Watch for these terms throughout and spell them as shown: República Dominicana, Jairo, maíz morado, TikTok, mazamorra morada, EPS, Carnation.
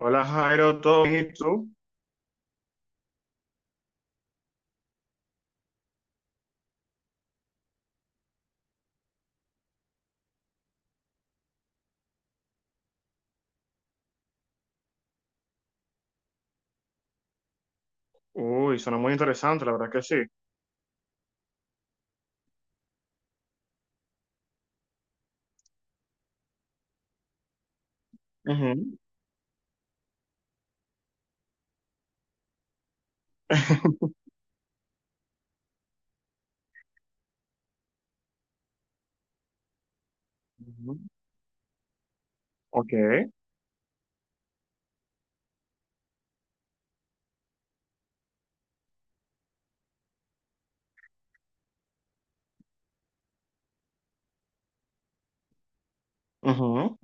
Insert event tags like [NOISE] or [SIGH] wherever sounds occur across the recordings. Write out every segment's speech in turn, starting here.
Hola Jairo, ¿todo bien y tú? Uy, suena muy interesante, la verdad que sí. Ujú. [LAUGHS] Ujú. Ok. Ujú,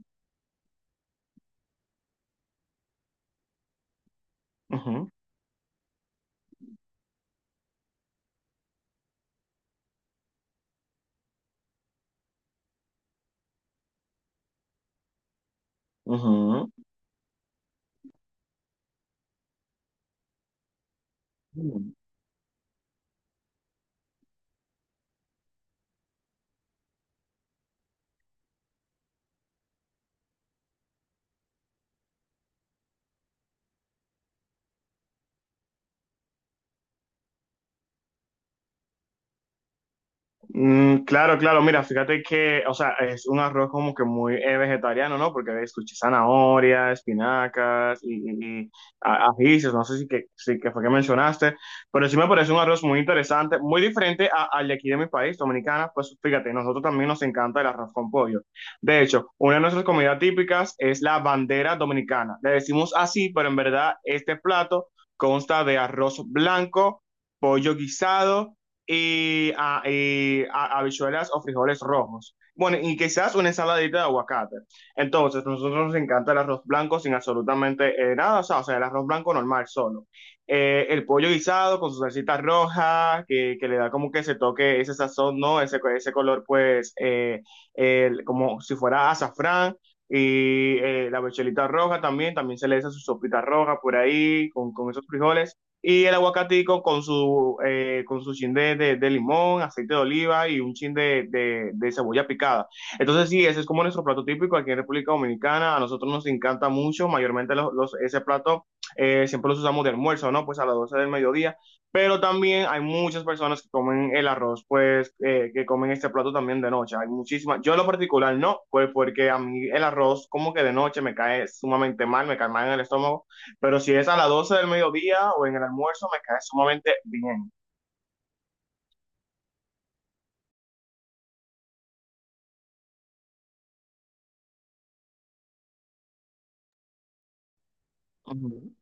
ujú, ujú. Claro, claro, mira, fíjate que, o sea, es un arroz como que muy vegetariano, ¿no? Porque escuché zanahoria, espinacas y ajíes, no sé si que, si que fue que mencionaste, pero sí me parece un arroz muy interesante, muy diferente al de aquí de mi país, Dominicana. Pues fíjate, nosotros también nos encanta el arroz con pollo. De hecho, una de nuestras comidas típicas es la bandera dominicana. Le decimos así, pero en verdad este plato consta de arroz blanco, pollo guisado y habichuelas o frijoles rojos. Bueno, y quizás una ensaladita de aguacate. Entonces, nosotros nos encanta el arroz blanco sin absolutamente nada, o sea, el arroz blanco normal solo. El pollo guisado con su salsita roja, que le da como que ese toque, ese sazón, ¿no? Ese color, pues, como si fuera azafrán. Y la bechelita roja también, también se le echa su sopita roja por ahí, con esos frijoles. Y el aguacatico con su chin de, de limón, aceite de oliva y un chin de, de cebolla picada. Entonces sí, ese es como nuestro plato típico aquí en República Dominicana. A nosotros nos encanta mucho, mayormente ese plato siempre los usamos de almuerzo, ¿no? Pues a las 12 del mediodía. Pero también hay muchas personas que comen el arroz, pues que comen este plato también de noche. Hay muchísimas, yo en lo particular no, pues porque a mí el arroz como que de noche me cae sumamente mal, me cae mal en el estómago. Pero si es a las 12 del mediodía o en el almuerzo, me cae sumamente bien. Ujú.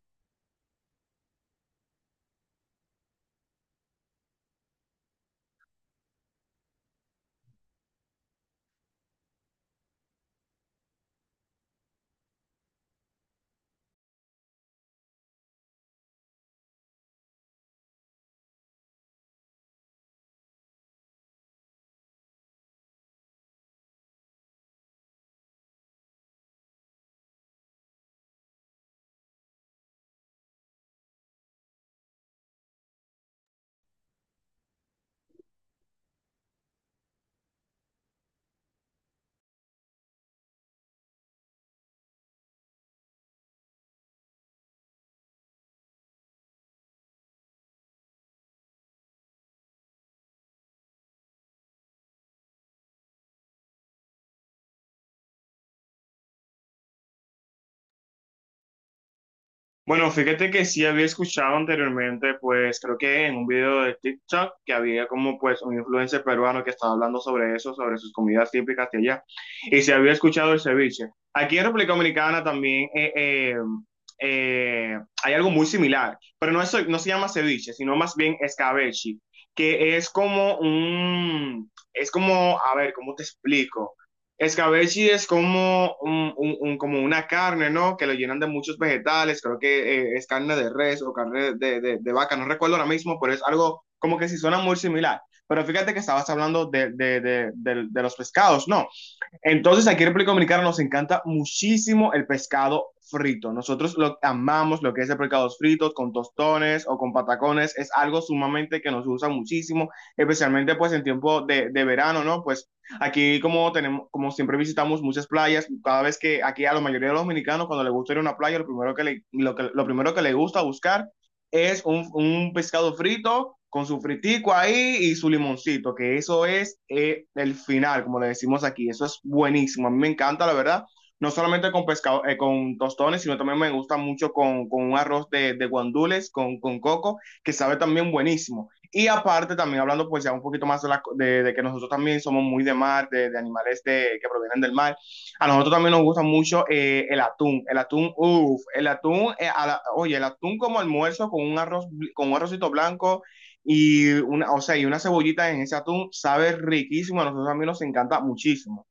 Bueno, fíjate que sí había escuchado anteriormente, pues creo que en un video de TikTok que había como pues un influencer peruano que estaba hablando sobre eso, sobre sus comidas típicas de allá. Y sí había escuchado el ceviche. Aquí en República Dominicana también eh, hay algo muy similar, pero no, no se llama ceviche, sino más bien escabeche, que es como un, es como, a ver, ¿cómo te explico? Escabeche es como, como una carne, ¿no? Que lo llenan de muchos vegetales, creo que es carne de res o carne de, de vaca, no recuerdo ahora mismo, pero es algo como que sí suena muy similar. Pero fíjate que estabas hablando de los pescados, ¿no? Entonces, aquí en República Dominicana nos encanta muchísimo el pescado frito. Nosotros lo amamos, lo que es el pescado frito con tostones o con patacones. Es algo sumamente que nos usa muchísimo, especialmente pues en tiempo de verano, ¿no? Pues aquí como tenemos, como siempre visitamos muchas playas, cada vez que aquí a la mayoría de los dominicanos cuando les gusta ir a una playa, lo primero que le, lo que, lo primero que le gusta buscar es un pescado frito con su fritico ahí y su limoncito, que eso es el final, como le decimos aquí. Eso es buenísimo. A mí me encanta, la verdad. No solamente con pescado, con tostones, sino también me gusta mucho con un arroz de guandules, con coco, que sabe también buenísimo. Y aparte, también hablando pues ya un poquito más de, de que nosotros también somos muy de mar, de animales de, que provienen del mar. A nosotros también nos gusta mucho el atún, uff, el atún, oye, el atún como almuerzo con un arroz, con un arrocito blanco y una, o sea, y una cebollita en ese atún sabe riquísimo, a nosotros también nos encanta muchísimo.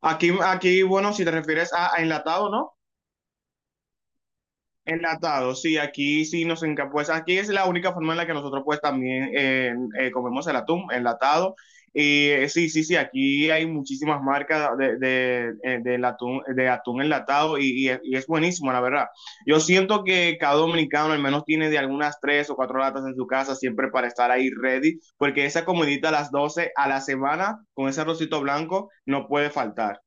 Aquí, aquí, bueno, si te refieres a enlatado, ¿no? Enlatado, sí, aquí sí nos encanta, pues aquí es la única forma en la que nosotros pues también comemos el atún enlatado. Y sí, sí, sí, aquí hay muchísimas marcas de, del atún, de atún enlatado y, y es buenísimo, la verdad. Yo siento que cada dominicano al menos tiene de algunas 3 o 4 latas en su casa siempre para estar ahí ready, porque esa comidita a las 12 a la semana con ese arrocito blanco no puede faltar.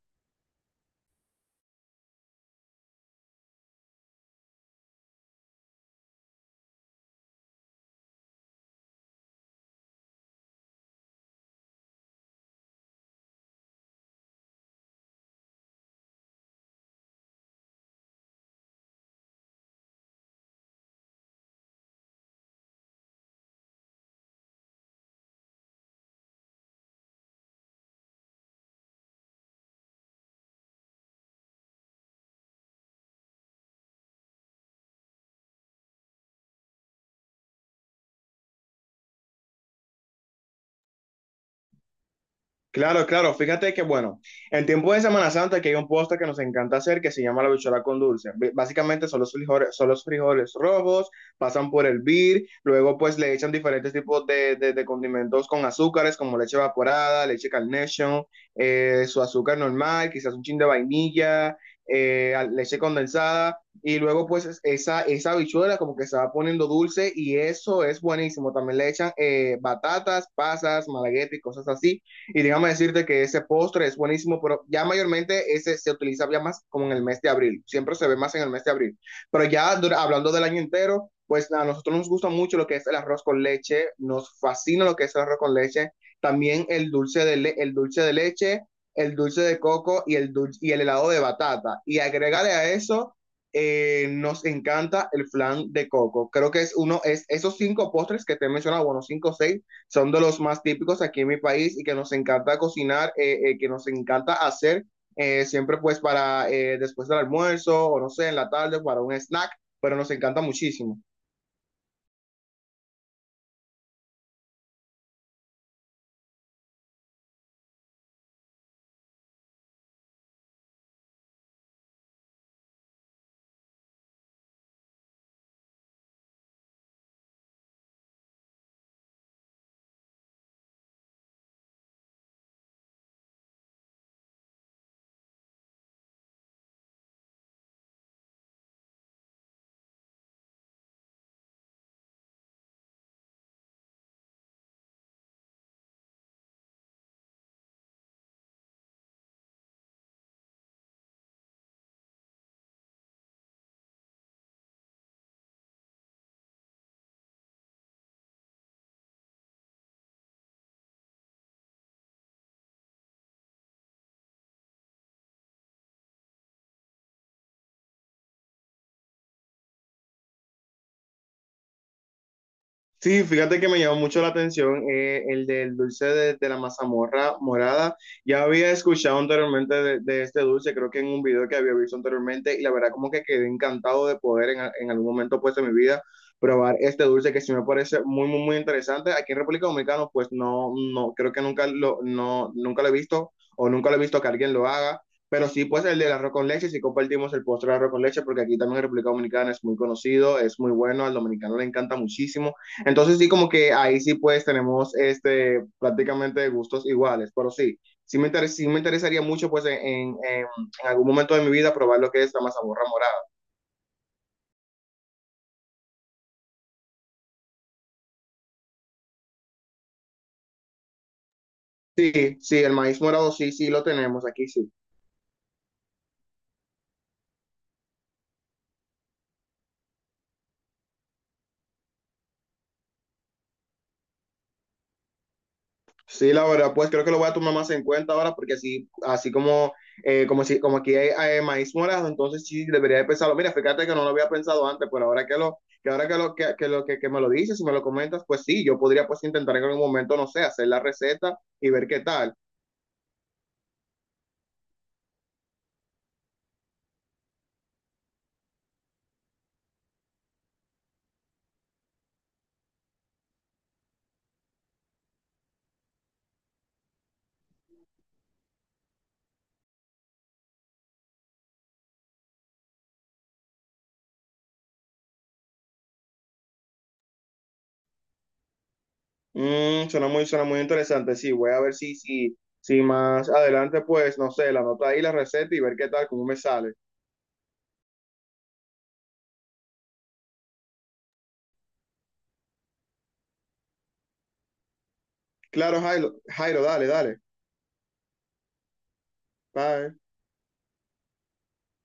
Claro, claro, fíjate que bueno, en tiempo de Semana Santa que hay un postre que nos encanta hacer que se llama la bichuela con dulce. Básicamente son los frijoles rojos, pasan por el vir, luego pues le echan diferentes tipos de, de condimentos con azúcares como leche evaporada, leche Carnation, su azúcar normal, quizás un chin de vainilla, leche condensada y luego pues esa, esa bichuela como que se va poniendo dulce y eso es buenísimo. También le echan batatas, pasas, malagueta y cosas así. Y déjame decirte que ese postre es buenísimo, pero ya mayormente ese se utiliza ya más como en el mes de abril. Siempre se ve más en el mes de abril. Pero ya hablando del año entero, pues a nosotros nos gusta mucho lo que es el arroz con leche, nos fascina lo que es el arroz con leche, también el dulce de, el dulce de leche, el dulce de coco y el helado de batata. Y agregarle a eso, nos encanta el flan de coco. Creo que es uno, es esos 5 postres que te he mencionado, bueno, 5 o 6 son de los más típicos aquí en mi país y que nos encanta cocinar, que nos encanta hacer siempre pues para después del almuerzo o no sé, en la tarde para un snack, pero nos encanta muchísimo. Sí, fíjate que me llamó mucho la atención el del dulce de la mazamorra morada. Ya había escuchado anteriormente de este dulce, creo que en un video que había visto anteriormente, y la verdad como que quedé encantado de poder en algún momento pues de mi vida probar este dulce que sí me parece muy, muy, muy interesante. Aquí en República Dominicana pues no, no, creo que nunca lo, no, nunca lo he visto o nunca lo he visto que alguien lo haga. Pero sí, pues el del arroz con leche, sí compartimos el postre de arroz con leche, porque aquí también en República Dominicana es muy conocido, es muy bueno, al dominicano le encanta muchísimo. Entonces sí, como que ahí sí pues tenemos este prácticamente gustos iguales, pero sí, sí me interesaría mucho pues en algún momento de mi vida probar lo que es la mazamorra morada. Sí, sí, el maíz morado sí, sí lo tenemos aquí, sí. Sí, la verdad, pues creo que lo voy a tomar más en cuenta ahora porque así, así como, como, si, como aquí hay, maíz morado, entonces sí debería de pensarlo. Mira, fíjate que no lo había pensado antes, pero ahora que lo, que me lo dices y me lo comentas, pues sí, yo podría pues intentar en algún momento, no sé, hacer la receta y ver qué tal. Suena muy interesante. Sí, voy a ver si más adelante, pues, no sé, la nota ahí, la receta y ver qué tal, cómo me sale. Claro, Jairo, Jairo, dale, dale. Bye.